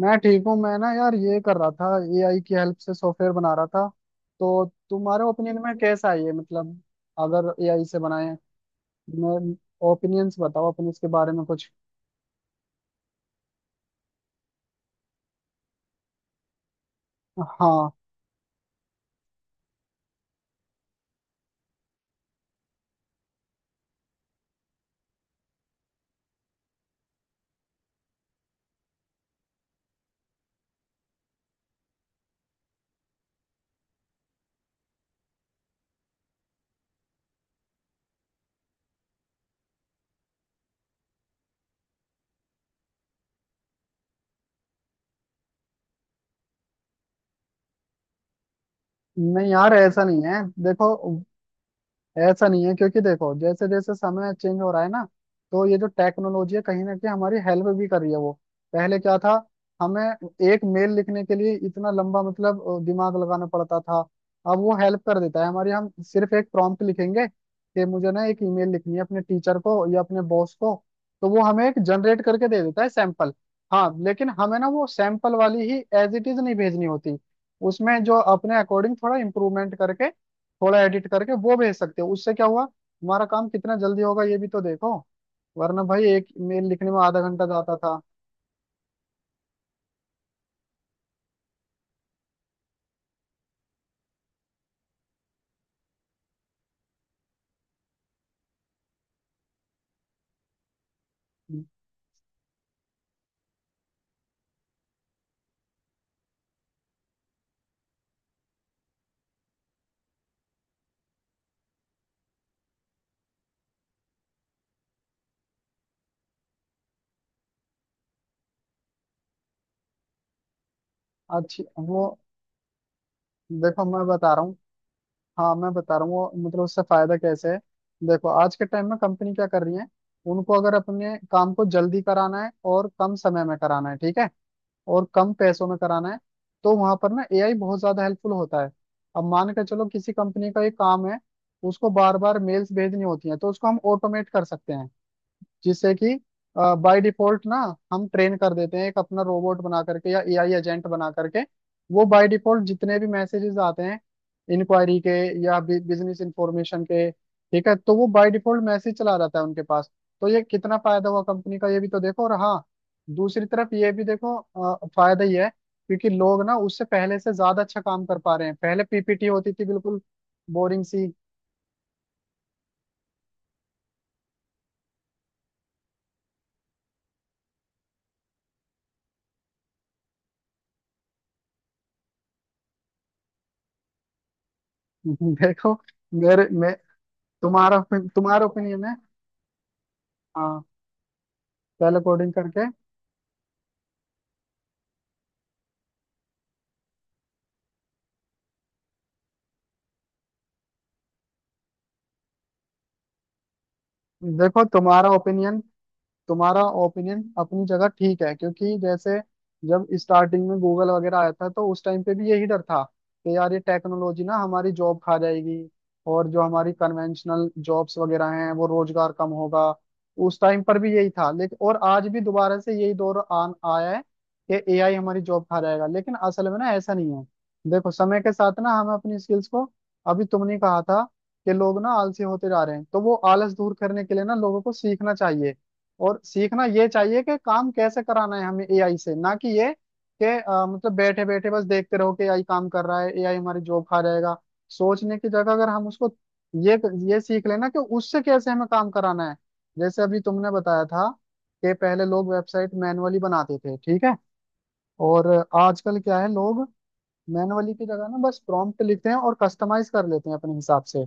मैं ठीक हूँ। मैं ना यार ये कर रहा था। एआई की हेल्प से सॉफ्टवेयर बना रहा था। तो तुम्हारे ओपिनियन में कैसा है ये, मतलब अगर एआई से बनाए, मैं ओपिनियंस बताओ अपने इसके बारे में कुछ। हाँ। नहीं यार ऐसा नहीं है देखो। ऐसा नहीं है, क्योंकि देखो जैसे जैसे समय चेंज हो रहा है ना, तो ये जो टेक्नोलॉजी है कहीं ना कहीं हमारी हेल्प भी कर रही है वो। पहले क्या था? हमें एक मेल लिखने के लिए इतना लंबा मतलब दिमाग लगाना पड़ता था। अब वो हेल्प कर देता है हमारी, हम सिर्फ एक प्रॉम्प्ट लिखेंगे कि मुझे ना एक ईमेल लिखनी है अपने टीचर को या अपने बॉस को, तो वो हमें एक जनरेट करके दे देता है सैंपल। हाँ लेकिन हमें ना वो सैंपल वाली ही एज इट इज नहीं भेजनी होती, उसमें जो अपने अकॉर्डिंग थोड़ा इम्प्रूवमेंट करके, थोड़ा एडिट करके वो भेज सकते हो। उससे क्या हुआ हमारा काम कितना जल्दी होगा ये भी तो देखो। वरना भाई एक मेल लिखने में आधा घंटा जाता था। अच्छी वो, देखो मैं बता रहा हूँ। हाँ मैं बता रहा हूँ, वो मतलब उससे फायदा कैसे है। देखो आज के टाइम में कंपनी क्या कर रही है? उनको अगर अपने काम को जल्दी कराना है और कम समय में कराना है, ठीक है, और कम पैसों में कराना है, तो वहां पर ना एआई बहुत ज्यादा हेल्पफुल होता है। अब मान के चलो किसी कंपनी का ये काम है, उसको बार बार मेल्स भेजनी होती है, तो उसको हम ऑटोमेट कर सकते हैं, जिससे कि बाय डिफॉल्ट ना हम ट्रेन कर देते हैं एक अपना रोबोट बना करके या एआई एजेंट बना करके। वो बाय डिफॉल्ट जितने भी मैसेजेस आते हैं इंक्वायरी के या बिजनेस इंफॉर्मेशन के, ठीक है, तो वो बाय डिफॉल्ट मैसेज चला जाता है उनके पास। तो ये कितना फायदा हुआ कंपनी का ये भी तो देखो। और हाँ, दूसरी तरफ ये भी देखो, फायदा ही है, क्योंकि लोग ना उससे पहले से ज्यादा अच्छा काम कर पा रहे हैं। पहले PPT होती थी बिल्कुल बोरिंग सी। देखो मेरे मैं तुम्हारा तुम्हारा ओपिनियन है। हाँ, सेल कोडिंग करके। देखो तुम्हारा ओपिनियन, तुम्हारा ओपिनियन अपनी जगह ठीक है, क्योंकि जैसे जब स्टार्टिंग में गूगल वगैरह आया था, तो उस टाइम पे भी यही डर था कि यार ये टेक्नोलॉजी ना हमारी जॉब खा जाएगी, और जो हमारी कन्वेंशनल जॉब्स वगैरह हैं वो रोजगार कम होगा। उस टाइम पर भी यही था, लेकिन और आज भी दोबारा से यही दौर आन आया है कि एआई हमारी जॉब खा जाएगा, लेकिन असल में ना ऐसा नहीं है। देखो समय के साथ ना हमें अपनी स्किल्स को, अभी तुमने कहा था कि लोग ना आलसी होते जा रहे हैं, तो वो आलस दूर करने के लिए ना लोगों को सीखना चाहिए। और सीखना ये चाहिए कि काम कैसे कराना है हमें एआई से, ना कि ये कि मतलब बैठे बैठे बस देखते रहो कि एआई काम कर रहा है, एआई हमारी जॉब खा जाएगा। सोचने की जगह अगर हम उसको ये ये सीख लेना कि उससे कैसे हमें काम कराना है। जैसे अभी तुमने बताया था कि पहले लोग वेबसाइट मैनुअली बनाते थे, ठीक है, और आजकल क्या है, लोग मैनुअली की जगह ना बस प्रॉम्प्ट लिखते हैं और कस्टमाइज कर लेते हैं अपने हिसाब से।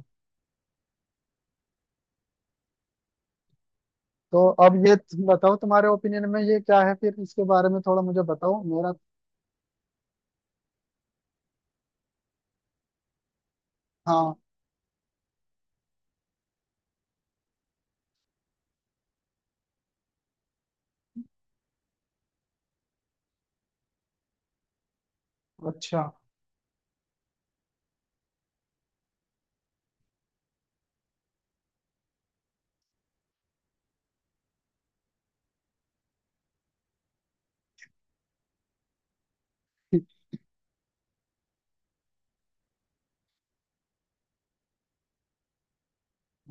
तो अब ये तुम बताओ तुम्हारे ओपिनियन में ये क्या है, फिर इसके बारे में थोड़ा मुझे बताओ मेरा। हाँ। अच्छा।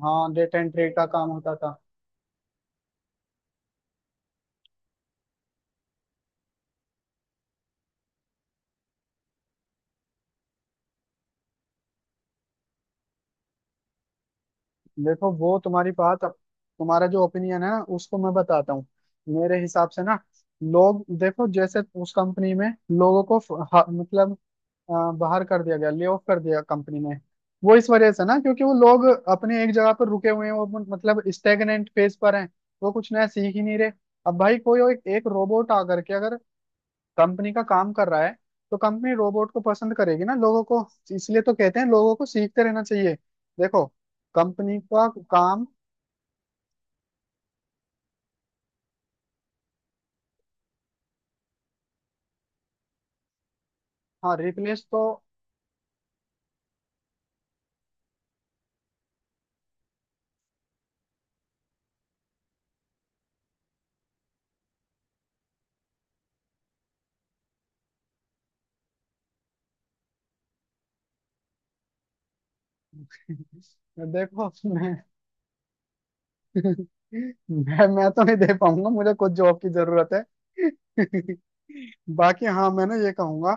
हाँ, डेट एंड ट्रे का काम होता था। देखो, वो तुम्हारी बात अब, तुम्हारा जो ओपिनियन है ना उसको मैं बताता हूँ। मेरे हिसाब से ना लोग देखो, जैसे उस कंपनी में लोगों को मतलब अ, बाहर कर दिया गया, ले ऑफ कर दिया कंपनी में। वो इस वजह से ना क्योंकि वो लोग अपने एक जगह पर रुके हुए हैं, वो मतलब स्टेगनेंट फेज पर हैं, वो कुछ नया सीख ही नहीं रहे। अब भाई कोई एक रोबोट आकर के अगर कंपनी का काम कर रहा है, तो कंपनी रोबोट को पसंद करेगी ना लोगों को। इसलिए तो कहते हैं लोगों को सीखते रहना चाहिए। देखो कंपनी का काम। हाँ, रिप्लेस तो। देखो मैं तो नहीं दे पाऊंगा, मुझे कुछ जॉब की जरूरत है। बाकी हाँ, मैं ना ये कहूंगा,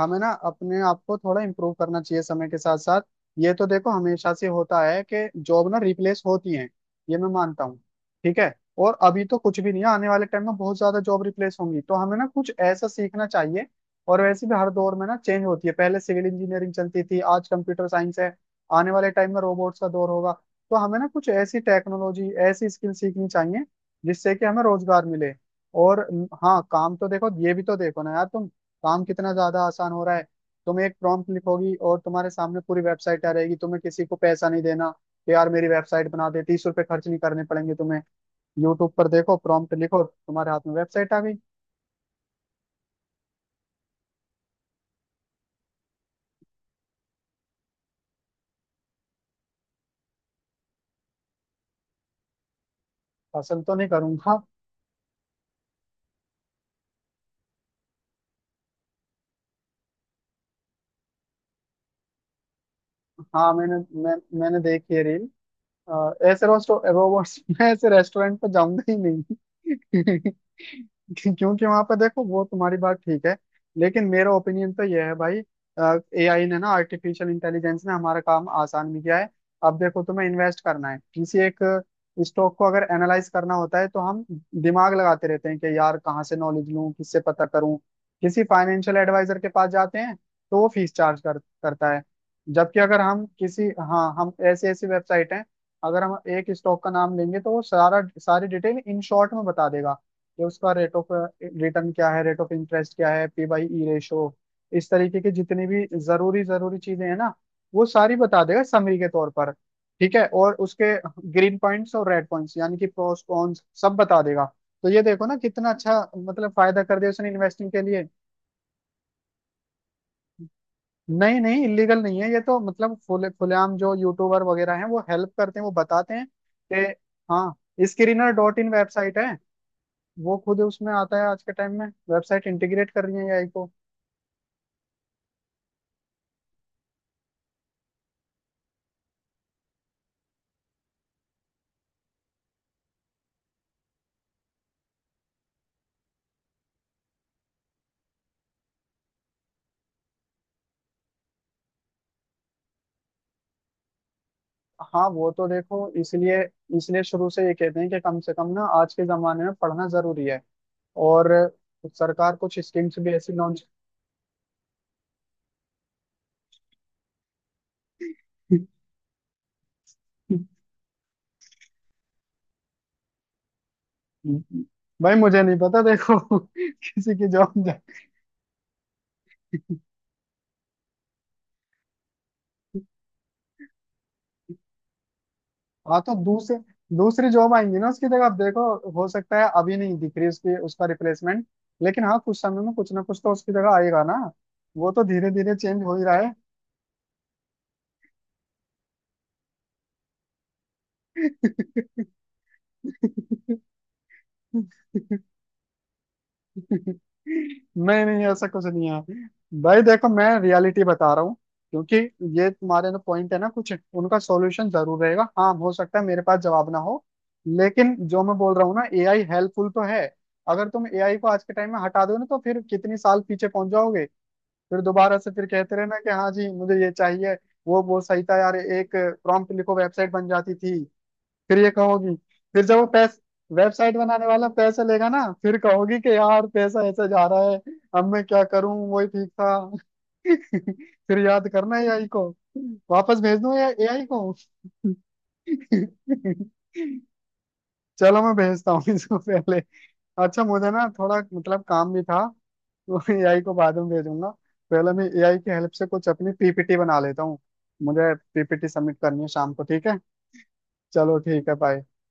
हमें ना अपने आप को थोड़ा इम्प्रूव करना चाहिए समय के साथ साथ। ये तो देखो हमेशा से होता है कि जॉब ना रिप्लेस होती हैं, ये मैं मानता हूँ, ठीक है। और अभी तो कुछ भी नहीं है, आने वाले टाइम में बहुत ज्यादा जॉब रिप्लेस होंगी, तो हमें ना कुछ ऐसा सीखना चाहिए। और वैसे भी हर दौर में ना चेंज होती है, पहले सिविल इंजीनियरिंग चलती थी, आज कंप्यूटर साइंस है, आने वाले टाइम में रोबोट्स का दौर होगा। तो हमें ना कुछ ऐसी टेक्नोलॉजी, ऐसी स्किल सीखनी चाहिए जिससे कि हमें रोजगार मिले। और हाँ काम तो देखो ये भी तो देखो ना यार तुम, काम कितना ज्यादा आसान हो रहा है। तुम एक प्रॉम्प्ट लिखोगी और तुम्हारे सामने पूरी वेबसाइट आ रहेगी, तुम्हें किसी को पैसा नहीं देना कि यार मेरी वेबसाइट बना दे, 30 रुपए खर्च नहीं करने पड़ेंगे तुम्हें। यूट्यूब पर देखो, प्रॉम्प्ट लिखो, तुम्हारे हाथ में वेबसाइट आ गई। फसल तो नहीं करूंगा। हाँ मैंने, मैं, मैंने देखी है रील। ऐसे रोबोट्स। मैं ऐसे रेस्टोरेंट पे जाऊंगा ही नहीं। क्योंकि वहां पर देखो वो तुम्हारी बात ठीक है, लेकिन मेरा ओपिनियन तो यह है भाई, एआई ने ना, आर्टिफिशियल इंटेलिजेंस ने हमारा काम आसान भी किया है। अब देखो तुम्हें इन्वेस्ट करना है किसी एक स्टॉक को, अगर एनालाइज करना होता है तो हम दिमाग लगाते रहते हैं कि यार कहाँ से नॉलेज लूँ, किससे पता करूँ। किसी फाइनेंशियल एडवाइजर के पास जाते हैं तो वो फीस चार्ज करता है, जबकि अगर हम किसी, हाँ, हम ऐसी ऐसी वेबसाइट, अगर हम एक स्टॉक का नाम लेंगे तो वो सारा सारी डिटेल इन शॉर्ट में बता देगा कि उसका रेट ऑफ रिटर्न क्या है, रेट ऑफ इंटरेस्ट क्या है, P/E रेशो, इस तरीके की जितनी भी जरूरी जरूरी चीजें हैं ना, वो सारी बता देगा समरी के तौर पर, ठीक है। और उसके ग्रीन पॉइंट्स और रेड पॉइंट्स, यानी कि प्रोस कॉन्स सब बता देगा। तो ये देखो ना कितना अच्छा, मतलब फायदा कर दिया उसने इन्वेस्टिंग के लिए। नहीं नहीं, इलीगल नहीं है, ये तो मतलब खुले खुलेआम जो यूट्यूबर वगैरह हैं वो हेल्प करते हैं, वो बताते हैं कि हाँ, स्क्रीनर डॉट इन वेबसाइट है, वो खुद उसमें आता है। आज के टाइम में वेबसाइट इंटीग्रेट कर रही है एआई को। हाँ वो तो देखो, इसलिए इसलिए शुरू से ये कहते हैं कि कम से कम ना आज के जमाने में पढ़ना जरूरी है। और सरकार कुछ स्कीम्स भी ऐसी लॉन्च। भाई मुझे नहीं पता देखो किसी की जॉब। हाँ तो दूसरे दूसरी जॉब आएंगी ना उसकी जगह, आप देखो हो सकता है अभी नहीं दिख रही उसकी, उसका रिप्लेसमेंट, लेकिन हाँ कुछ समय में कुछ ना कुछ तो उसकी जगह आएगा ना। वो तो धीरे धीरे चेंज हो ही रहा है। नहीं नहीं, ऐसा कुछ नहीं है भाई, देखो मैं रियलिटी बता रहा हूँ। क्योंकि ये तुम्हारे ना पॉइंट है ना, कुछ उनका सॉल्यूशन जरूर रहेगा, हाँ हो सकता है मेरे पास जवाब ना हो, लेकिन जो मैं बोल रहा हूँ ना, एआई हेल्पफुल तो है। अगर तुम एआई को आज के टाइम में हटा दो ना, तो फिर कितनी साल पीछे पहुंच जाओगे। फिर दोबारा से फिर कहते रहना कि हाँ जी मुझे ये चाहिए, वो सही था यार, एक प्रॉम्प्ट लिखो वेबसाइट बन जाती थी। फिर ये कहोगी, फिर जब वो पैस वेबसाइट बनाने वाला पैसे लेगा ना, फिर कहोगी कि यार पैसा ऐसे जा रहा है, अब मैं क्या करूं, वही ठीक था। फिर याद करना एआई को। वापस भेज दूं एआई को। चलो मैं भेजता हूँ इसको पहले। अच्छा मुझे ना थोड़ा मतलब काम भी था, तो एआई को बाद में भेजूंगा, पहले मैं एआई की हेल्प से कुछ अपनी पीपीटी बना लेता हूँ। मुझे पीपीटी सबमिट करनी है शाम को, ठीक है। चलो ठीक है, बाय।